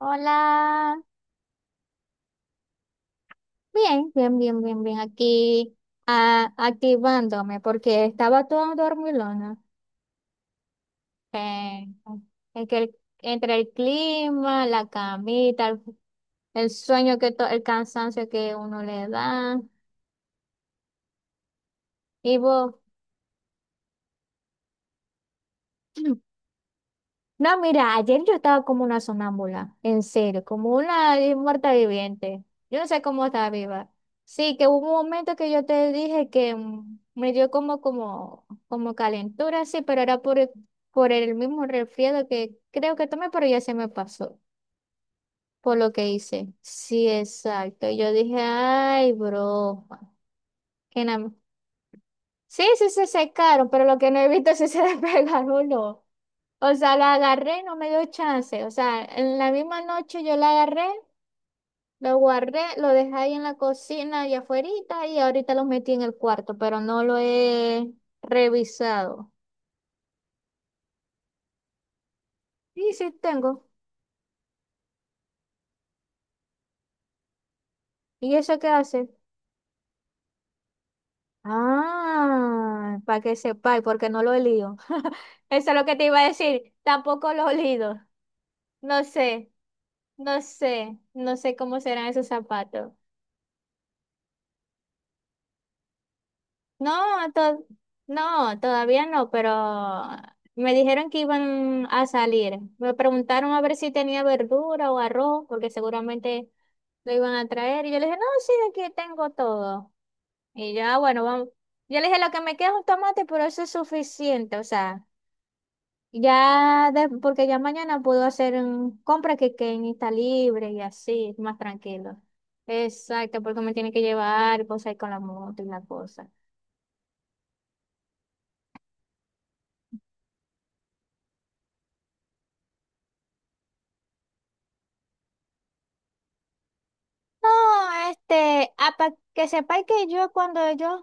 Hola, bien, bien, bien, bien, bien, aquí ah, activándome porque estaba toda dormilona. Eh, en que el- entre el clima, la camita, el sueño el cansancio que uno le da. ¿Y vos? No, mira, ayer yo estaba como una sonámbula, en serio, como una muerta viviente. Yo no sé cómo estaba viva. Sí, que hubo un momento que yo te dije que me dio como calentura, sí, pero era por el mismo resfriado que creo que tomé, pero ya se me pasó por lo que hice. Sí, exacto. Y yo dije, ay, broma. Que na- Sí, sí se secaron, pero lo que no he visto es si se despegaron o no. O sea, la agarré y no me dio chance. O sea, en la misma noche yo la agarré, lo guardé, lo dejé ahí en la cocina y afuerita, y ahorita lo metí en el cuarto, pero no lo he revisado. Sí, sí tengo. ¿Y eso qué hace? Ah, para que sepáis, porque no lo he leído. Eso es lo que te iba a decir. Tampoco lo he leído. No sé, no sé, no sé cómo serán esos zapatos. No, to- no, todavía no, pero me dijeron que iban a salir. Me preguntaron a ver si tenía verdura o arroz, porque seguramente lo iban a traer. Y yo le dije, no, sí, aquí tengo todo. Y ya, bueno, vamos. Yo le dije, lo que me queda es un tomate, pero eso es suficiente. O sea, ya, porque ya mañana puedo hacer un compra que está libre y así, más tranquilo. Exacto, porque me tiene que llevar cosas ahí con la moto y la cosa. No, este, para que sepáis que yo cuando ellos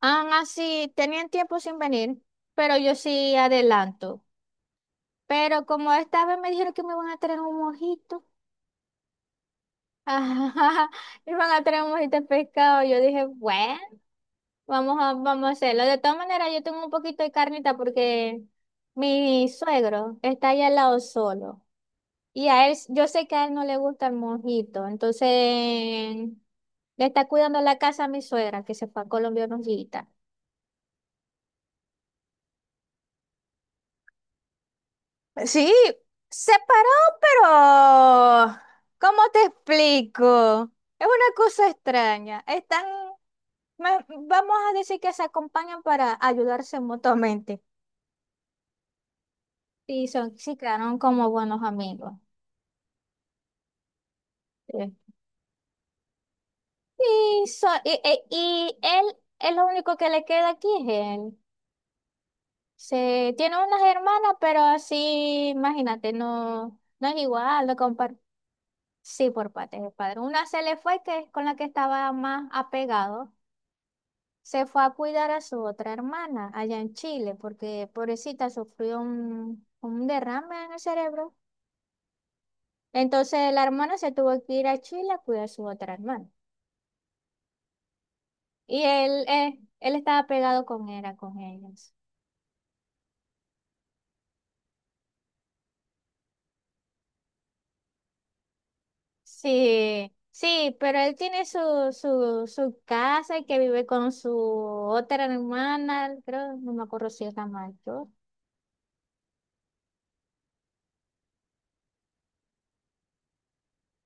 han así, tenían tiempo sin venir, pero yo sí adelanto. Pero como esta vez me dijeron que me iban a traer un mojito, ajá, iban a traer un mojito de pescado, yo dije, bueno, vamos a hacerlo. De todas maneras, yo tengo un poquito de carnita porque mi suegro está ahí al lado solo. Y a él, yo sé que a él no le gusta el mojito. Entonces, le está cuidando la casa a mi suegra, que se fue a Colombia unos días. Sí, se paró, pero ¿cómo te explico? Es una cosa extraña. Están, vamos a decir que se acompañan para ayudarse mutuamente. Y son, se quedaron como buenos amigos. Eh, y él es lo único que le queda aquí, es él. Se, tiene unas hermanas, pero así, imagínate, no, no es igual, lo compar Sí, por parte de padre. Una se le fue, que es con la que estaba más apegado. Se fue a cuidar a su otra hermana allá en Chile, porque pobrecita sufrió un derrame en el cerebro. Entonces la hermana se tuvo que ir a Chile a cuidar a su otra hermana. Y él, él estaba pegado con era con ellos. Sí, sí, pero él tiene su casa y que vive con su otra hermana, creo, no me acuerdo si es la mayor.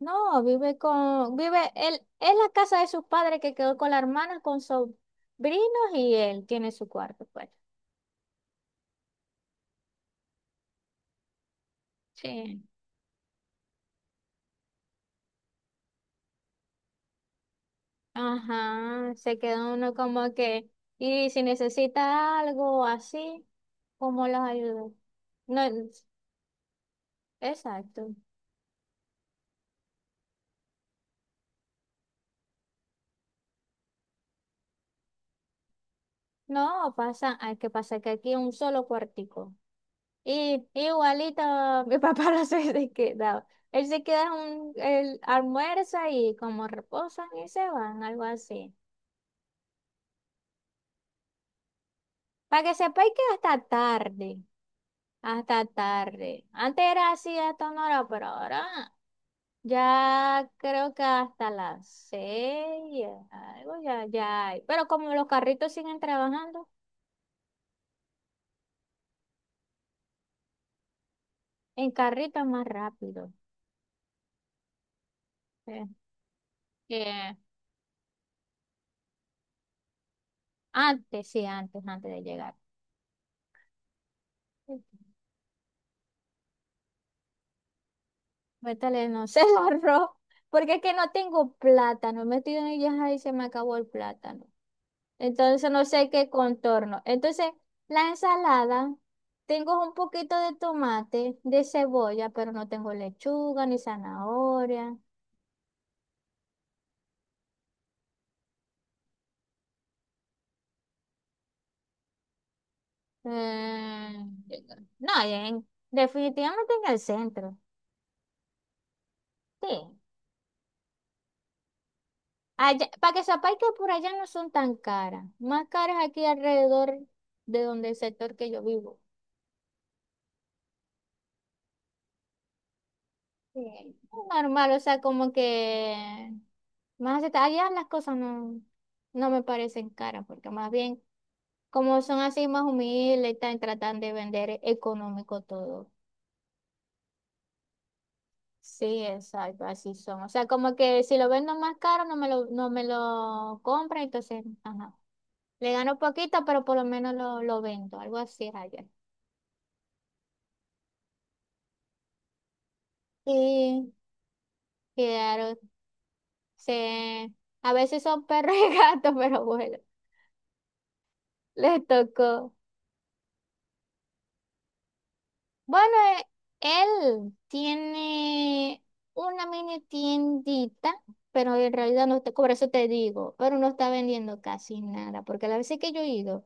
No, vive con, vive, él, es la casa de sus padres que quedó con la hermana, con sobrinos, y él tiene su cuarto, pues. Sí. Ajá, se quedó uno como que, y si necesita algo así, ¿cómo los ayudo? No, exacto. No, pasa, hay que pasa que aquí un solo cuartico. Y igualito mi papá no se quedaba. Él se queda un, él almuerza y como reposan y se van, algo así. Para que sepáis que hasta tarde, hasta tarde. Antes era así hasta una hora, pero ahora ya creo que hasta las 6, algo ya, ya hay. Pero como los carritos siguen trabajando, en carrito es más rápido. Eh, que Antes, sí, antes de llegar. Métale, no sé, el arroz, porque es que no tengo plátano, metido en ellas y se me acabó el plátano. Entonces no sé qué contorno. Entonces, la ensalada, tengo un poquito de tomate, de cebolla, pero no tengo lechuga ni zanahoria. Eh, no, definitivamente en el centro. Sí. Para que sepáis que por allá no son tan caras, más caras aquí alrededor de donde el sector que yo vivo. Sí. Normal, o sea, como que allá las cosas no me parecen caras, porque más bien como son así más humildes, están tratando de vender económico todo. Sí, exacto, así son. O sea, como que si lo vendo más caro no me lo compra, entonces, ajá. Le gano poquito, pero por lo menos lo vendo, algo así es allá. Sí, Quedaron, se, a veces son perros y gatos, pero bueno, les tocó. Bueno, eh, él tiene una mini tiendita, pero en realidad no está, por eso te digo, pero no está vendiendo casi nada, porque la veces que yo he ido,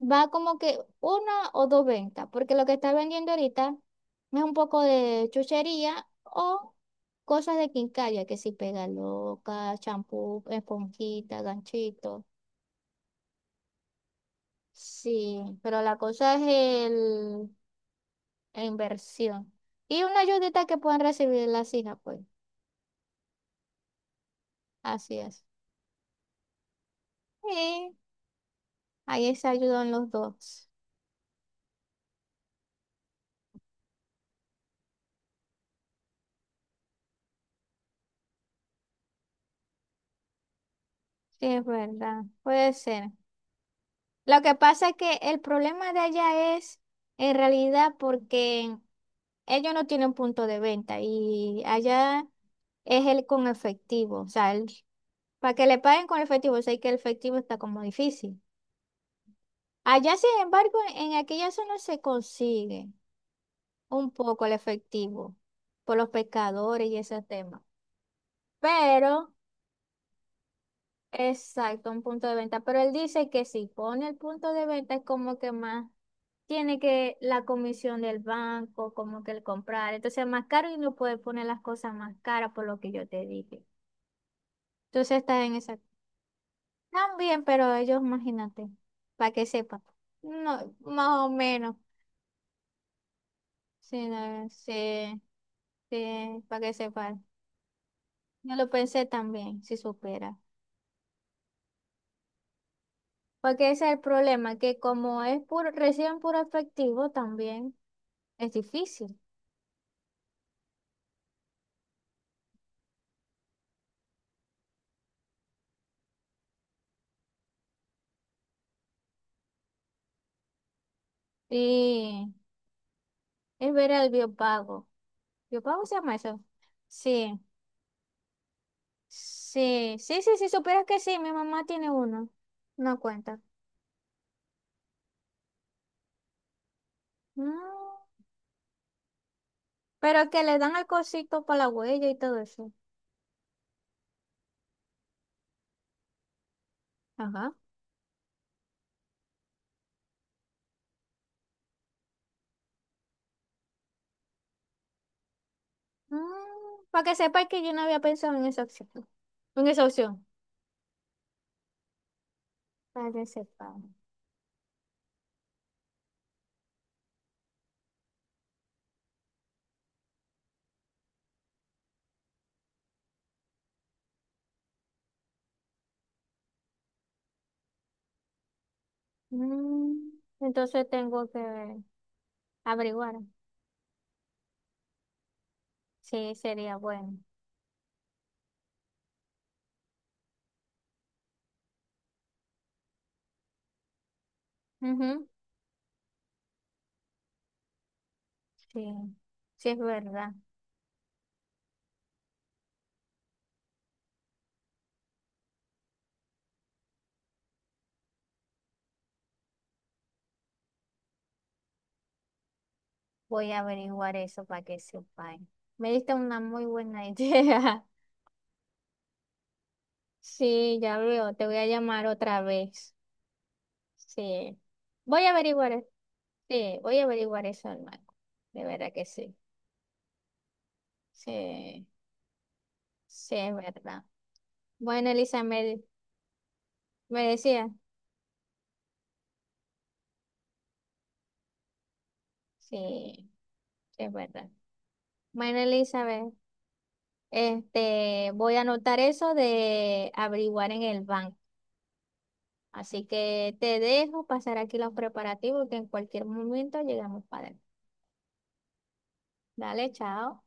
va como que una o dos ventas, porque lo que está vendiendo ahorita es un poco de chuchería o cosas de quincalla, que si pega loca, champú, esponjita, ganchito. Sí, pero la cosa es la inversión. Y una ayudita que puedan recibir las hijas, pues. Así es. Sí, ahí se ayudan los dos. Sí, es verdad. Puede ser. Lo que pasa es que el problema de allá es, en realidad, porque ellos no tienen punto de venta y allá es el con efectivo. O sea, para que le paguen con efectivo, sé que el efectivo está como difícil. Allá, sin embargo, en aquella zona se consigue un poco al efectivo por los pescadores y ese tema. Pero, exacto, un punto de venta. Pero él dice que si pone el punto de venta es como que más tiene que la comisión del banco, como que el comprar. Entonces es más caro y no puede poner las cosas más caras por lo que yo te dije. Entonces está en esa. También, pero ellos, imagínate, para que sepa. No, más o menos. Sí, no, sí, sí, para que sepa. Yo lo pensé también, si supera. Porque ese es el problema, que como es puro, reciben puro efectivo también, es difícil. Y es ver el biopago. ¿Biopago se llama eso? Sí, sí, sí, sí, sí, supieras que sí, mi mamá tiene uno, no cuenta. Mm, pero que le dan el cosito para la huella y todo eso. Ajá. Para que sepa que yo no había pensado en esa opción. En esa opción. Para que sepa. Mm, entonces tengo que averiguar. Sí, sería bueno. Ujú, sí, sí es verdad. Voy a averiguar eso para que sepa. Me diste una muy buena idea. Sí, ya veo. Te voy a llamar otra vez. Sí. Voy a averiguar. Sí, voy a averiguar eso, hermano. De verdad que sí. Sí, sí es verdad. Bueno, Elizabeth, me decía. Sí, sí es verdad. Bueno, Elizabeth, este, voy a anotar eso de averiguar en el banco. Así que te dejo pasar aquí los preparativos que en cualquier momento llegamos para él. Dale, chao.